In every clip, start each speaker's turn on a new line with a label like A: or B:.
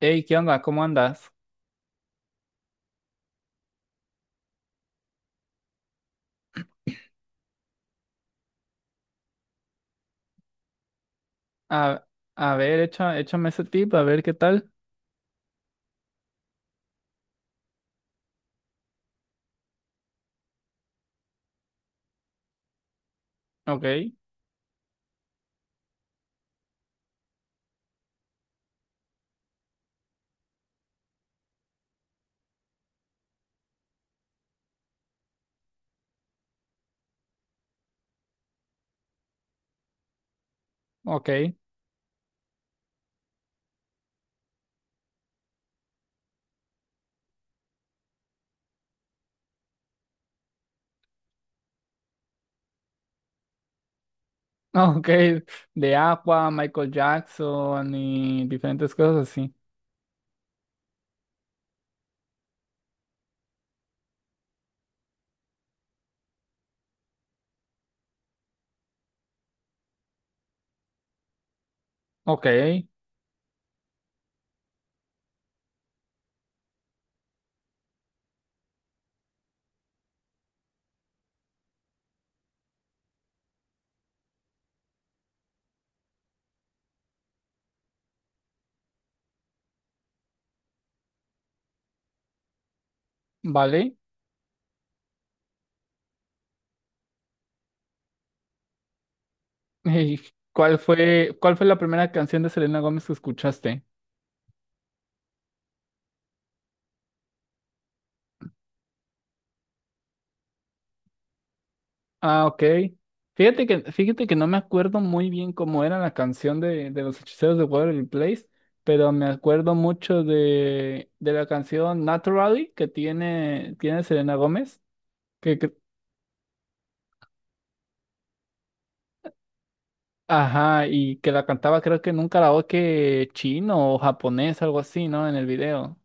A: Hey, ¿qué onda? ¿Cómo andas? A, a ver, échame ese tip, a ver qué tal. Ok, ok, ok. De Aqua, Michael Jackson y diferentes cosas así. Ok, vale. ¿Y cuál fue la primera canción de Selena Gómez que escuchaste? Ah, ok. Fíjate que no me acuerdo muy bien cómo era la canción de los hechiceros de Waverly Place, pero me acuerdo mucho de la canción Naturally que tiene Selena Gómez. Que, que- ajá, y que la cantaba creo que en un karaoke chino o japonés, algo así, ¿no? En el video.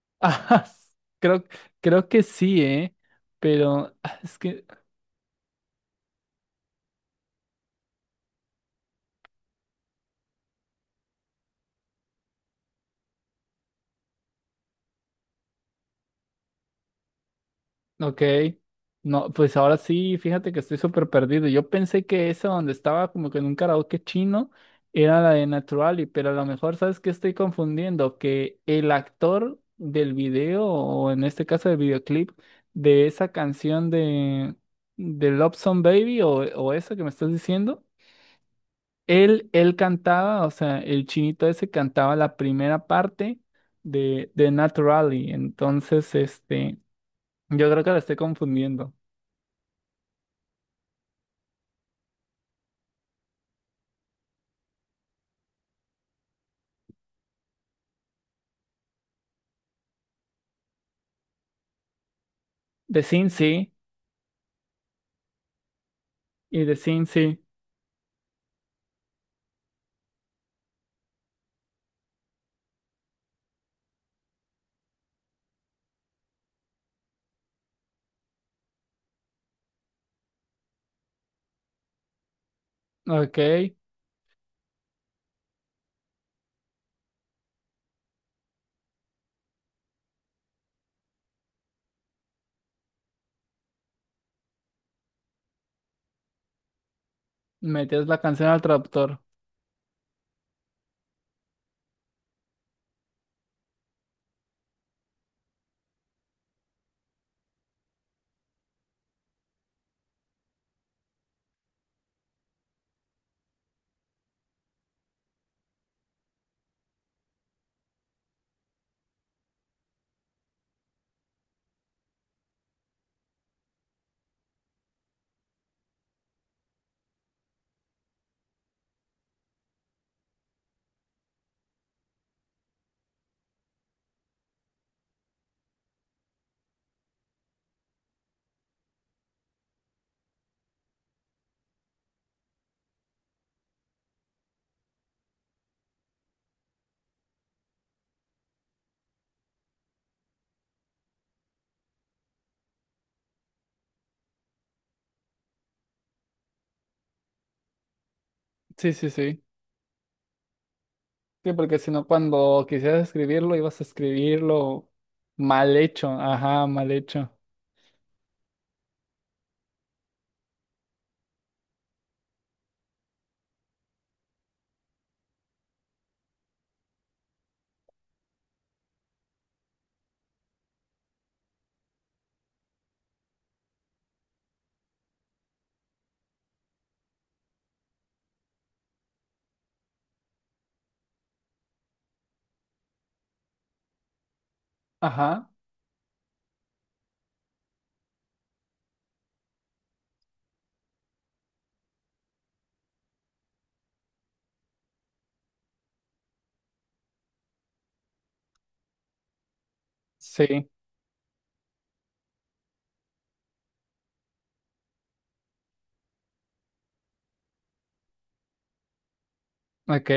A: Ajá, creo, creo que sí, ¿eh? Pero ah, es que ok, no, pues ahora sí, fíjate que estoy súper perdido. Yo pensé que esa donde estaba como que en un karaoke chino era la de Naturally, pero a lo mejor sabes que estoy confundiendo, que el actor del video, o en este caso del videoclip, de esa canción de Love Song Baby o esa que me estás diciendo, él cantaba, o sea, el chinito ese cantaba la primera parte de Naturally. Entonces, este, yo creo que la estoy confundiendo. The Sin sí. Y The Sin sí. Ok. Metías la canción al traductor. Sí, sí, sí. Sí, porque si no, cuando quisieras escribirlo, ibas a escribirlo mal hecho. Ajá, mal hecho. Ajá. Sí. Ok.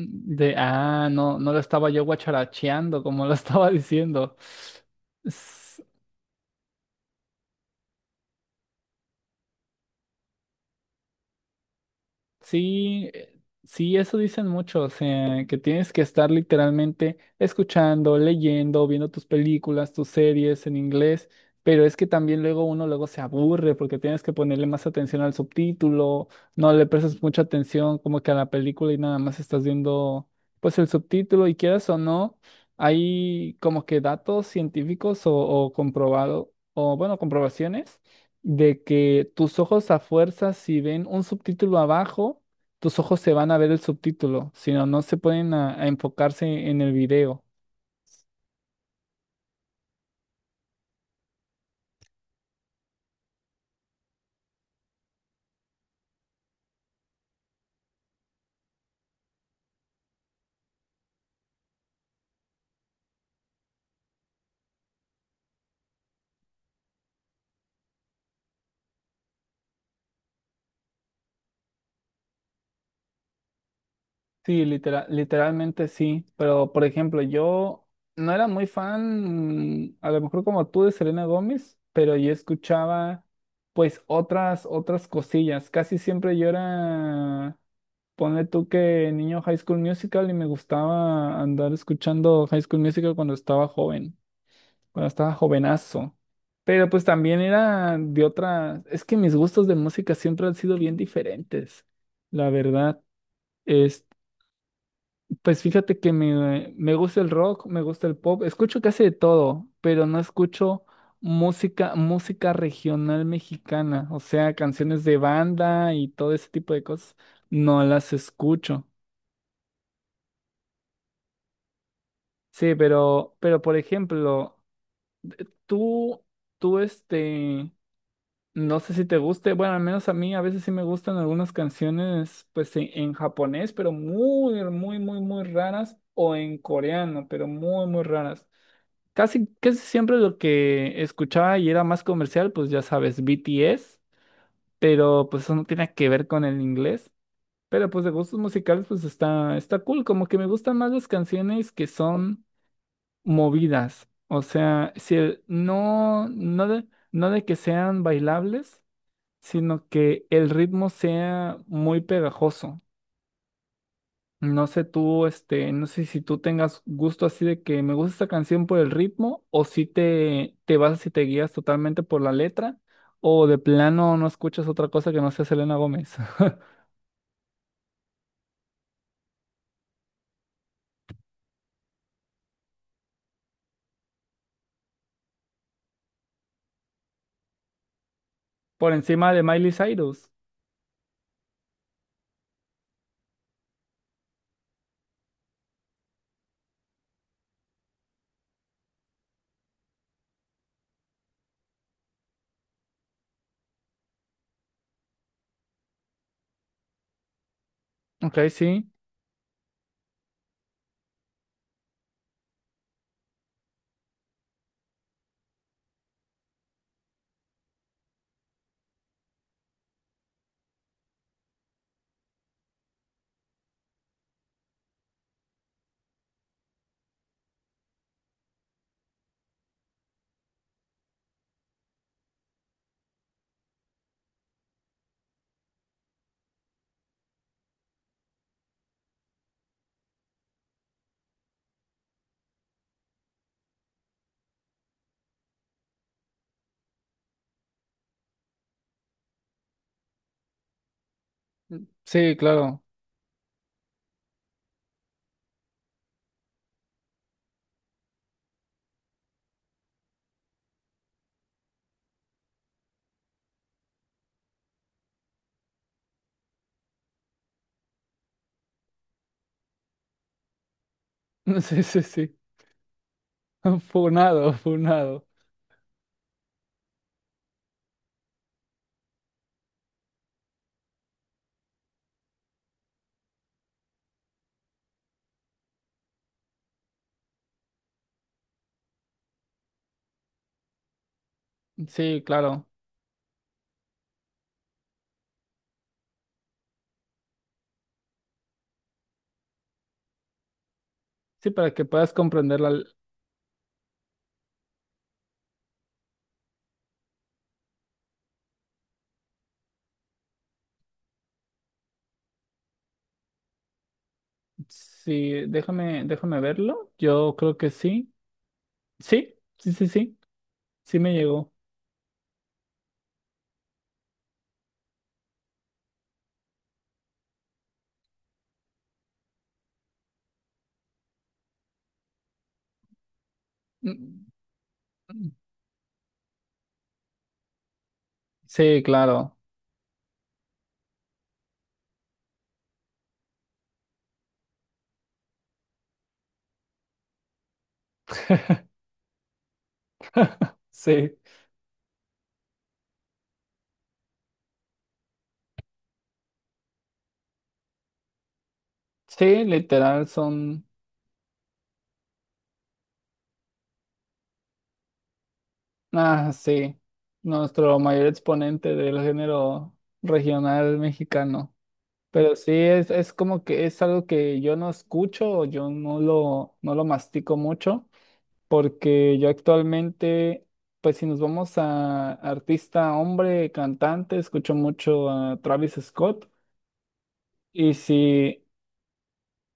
A: No, no lo estaba yo guacharacheando como lo estaba diciendo. Sí, sí, eso dicen muchos, o sea, que tienes que estar literalmente escuchando, leyendo, viendo tus películas, tus series en inglés, pero es que también luego uno luego se aburre porque tienes que ponerle más atención al subtítulo, no le prestas mucha atención como que a la película y nada más estás viendo pues el subtítulo y quieras o no, hay como que datos científicos o comprobado, o bueno, comprobaciones de que tus ojos a fuerza, si ven un subtítulo abajo, tus ojos se van a ver el subtítulo, sino no se pueden a enfocarse en el video. Sí, literalmente sí, pero por ejemplo, yo no era muy fan, a lo mejor como tú de Selena Gómez, pero yo escuchaba pues otras cosillas. Casi siempre yo era, ponle tú que niño High School Musical y me gustaba andar escuchando High School Musical cuando estaba joven, cuando estaba jovenazo. Pero pues también era de otra, es que mis gustos de música siempre han sido bien diferentes, la verdad. Es, pues fíjate que me gusta el rock, me gusta el pop, escucho casi de todo, pero no escucho música, música regional mexicana, o sea, canciones de banda y todo ese tipo de cosas, no las escucho. Sí, pero por ejemplo, tú, tú este. No sé si te guste, bueno, al menos a mí a veces sí me gustan algunas canciones pues en japonés, pero muy, muy, muy, muy raras, o en coreano, pero muy, muy raras. Casi, casi siempre lo que escuchaba y era más comercial, pues ya sabes, BTS, pero pues eso no tiene que ver con el inglés. Pero pues de gustos musicales pues está cool, como que me gustan más las canciones que son movidas, o sea, no, no de que sean bailables sino que el ritmo sea muy pegajoso. No sé tú, este, no sé si tú tengas gusto así de que me gusta esta canción por el ritmo, o si te vas y te guías totalmente por la letra, o de plano no escuchas otra cosa que no sea Selena Gómez. Por encima de Miley Cyrus. Ok, sí. Sí, claro. Sí, sí, sí. Funado, funado. Sí, claro. Sí, para que puedas comprenderla. Sí, déjame verlo. Yo creo que sí. Sí, sí, sí, sí, sí me llegó. Mm, mm. Sí, claro, sí, sí, literal son, ah, sí, nuestro mayor exponente del género regional mexicano. Pero sí, es como que es algo que yo no escucho, o yo no lo mastico mucho, porque yo actualmente, pues si nos vamos a artista, hombre, cantante, escucho mucho a Travis Scott. Y si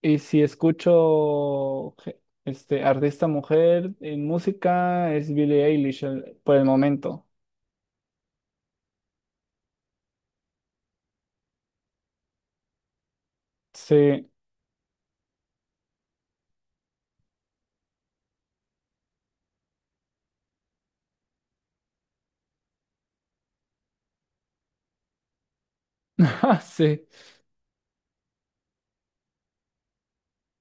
A: y si escucho este artista mujer en música, es Billie Eilish por el momento. Sí, ah, sí,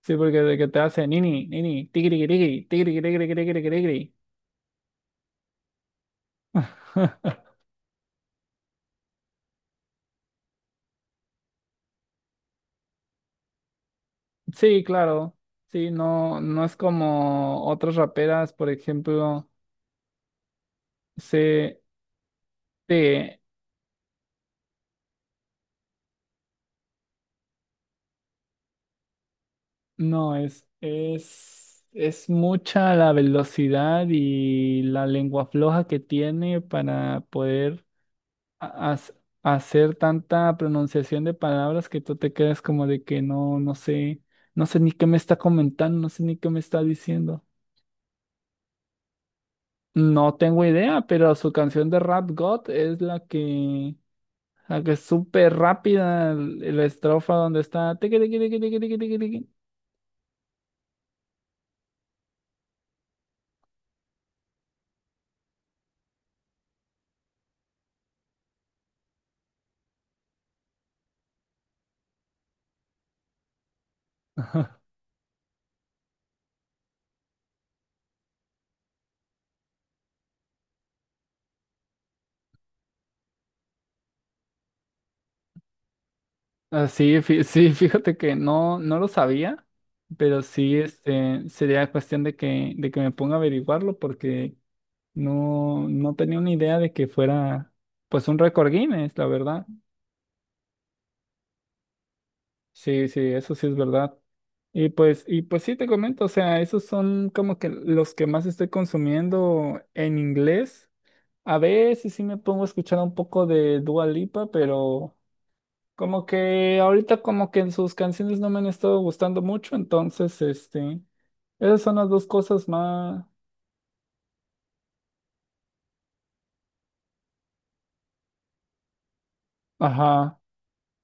A: sí, porque de que te hace nini, nini, tigri, tigri, tigri, tigri, tigri, tigri. Sí, claro. Sí, no, no es como otras raperas, por ejemplo, se, sí no, es mucha la velocidad y la lengua floja que tiene para poder a- as- hacer tanta pronunciación de palabras que tú te quedas como de que no, no sé, ni qué me está comentando, no sé ni qué me está diciendo. No tengo idea, pero su canción de Rap God es la que es súper rápida, la estrofa donde está tiqui, tiqui, tiqui, tiqui, tiqui, tiqui, tiqui. Ah, sí, sí, fíjate que no, no lo sabía, pero sí, este, sería cuestión de que me ponga a averiguarlo porque no, no tenía una idea de que fuera, pues, un récord Guinness, la verdad. Sí, sí, eso sí es verdad. Y pues sí te comento, o sea, esos son como que los que más estoy consumiendo en inglés. A veces sí me pongo a escuchar un poco de Dua Lipa, pero. Como que ahorita como que en sus canciones no me han estado gustando mucho, entonces, este, esas son las dos cosas más. Ajá.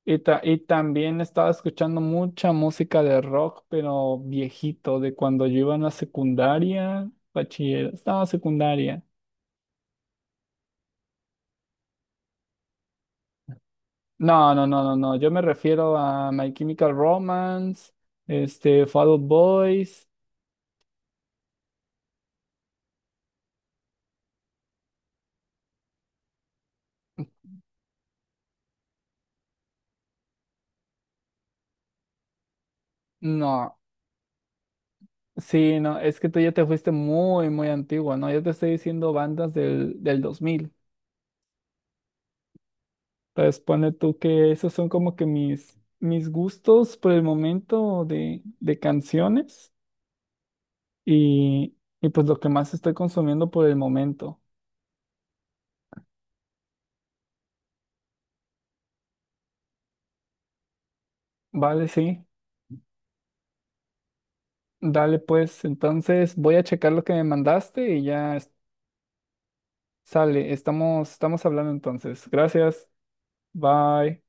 A: Y también estaba escuchando mucha música de rock, pero viejito, de cuando yo iba en la secundaria, bachiller, estaba secundaria. No, no, no, no, no, yo me refiero a My Chemical Romance, este, Fall Out Boys. No, sí, no, es que tú ya te fuiste muy, muy antigua, ¿no? Yo te estoy diciendo bandas del 2000. Entonces, ponle tú que esos son como que mis gustos por el momento de canciones y, y pues lo que más estoy consumiendo por el momento. Vale, sí, dale pues. Entonces, voy a checar lo que me mandaste y ya sale. Estamos hablando entonces. Gracias. Bye.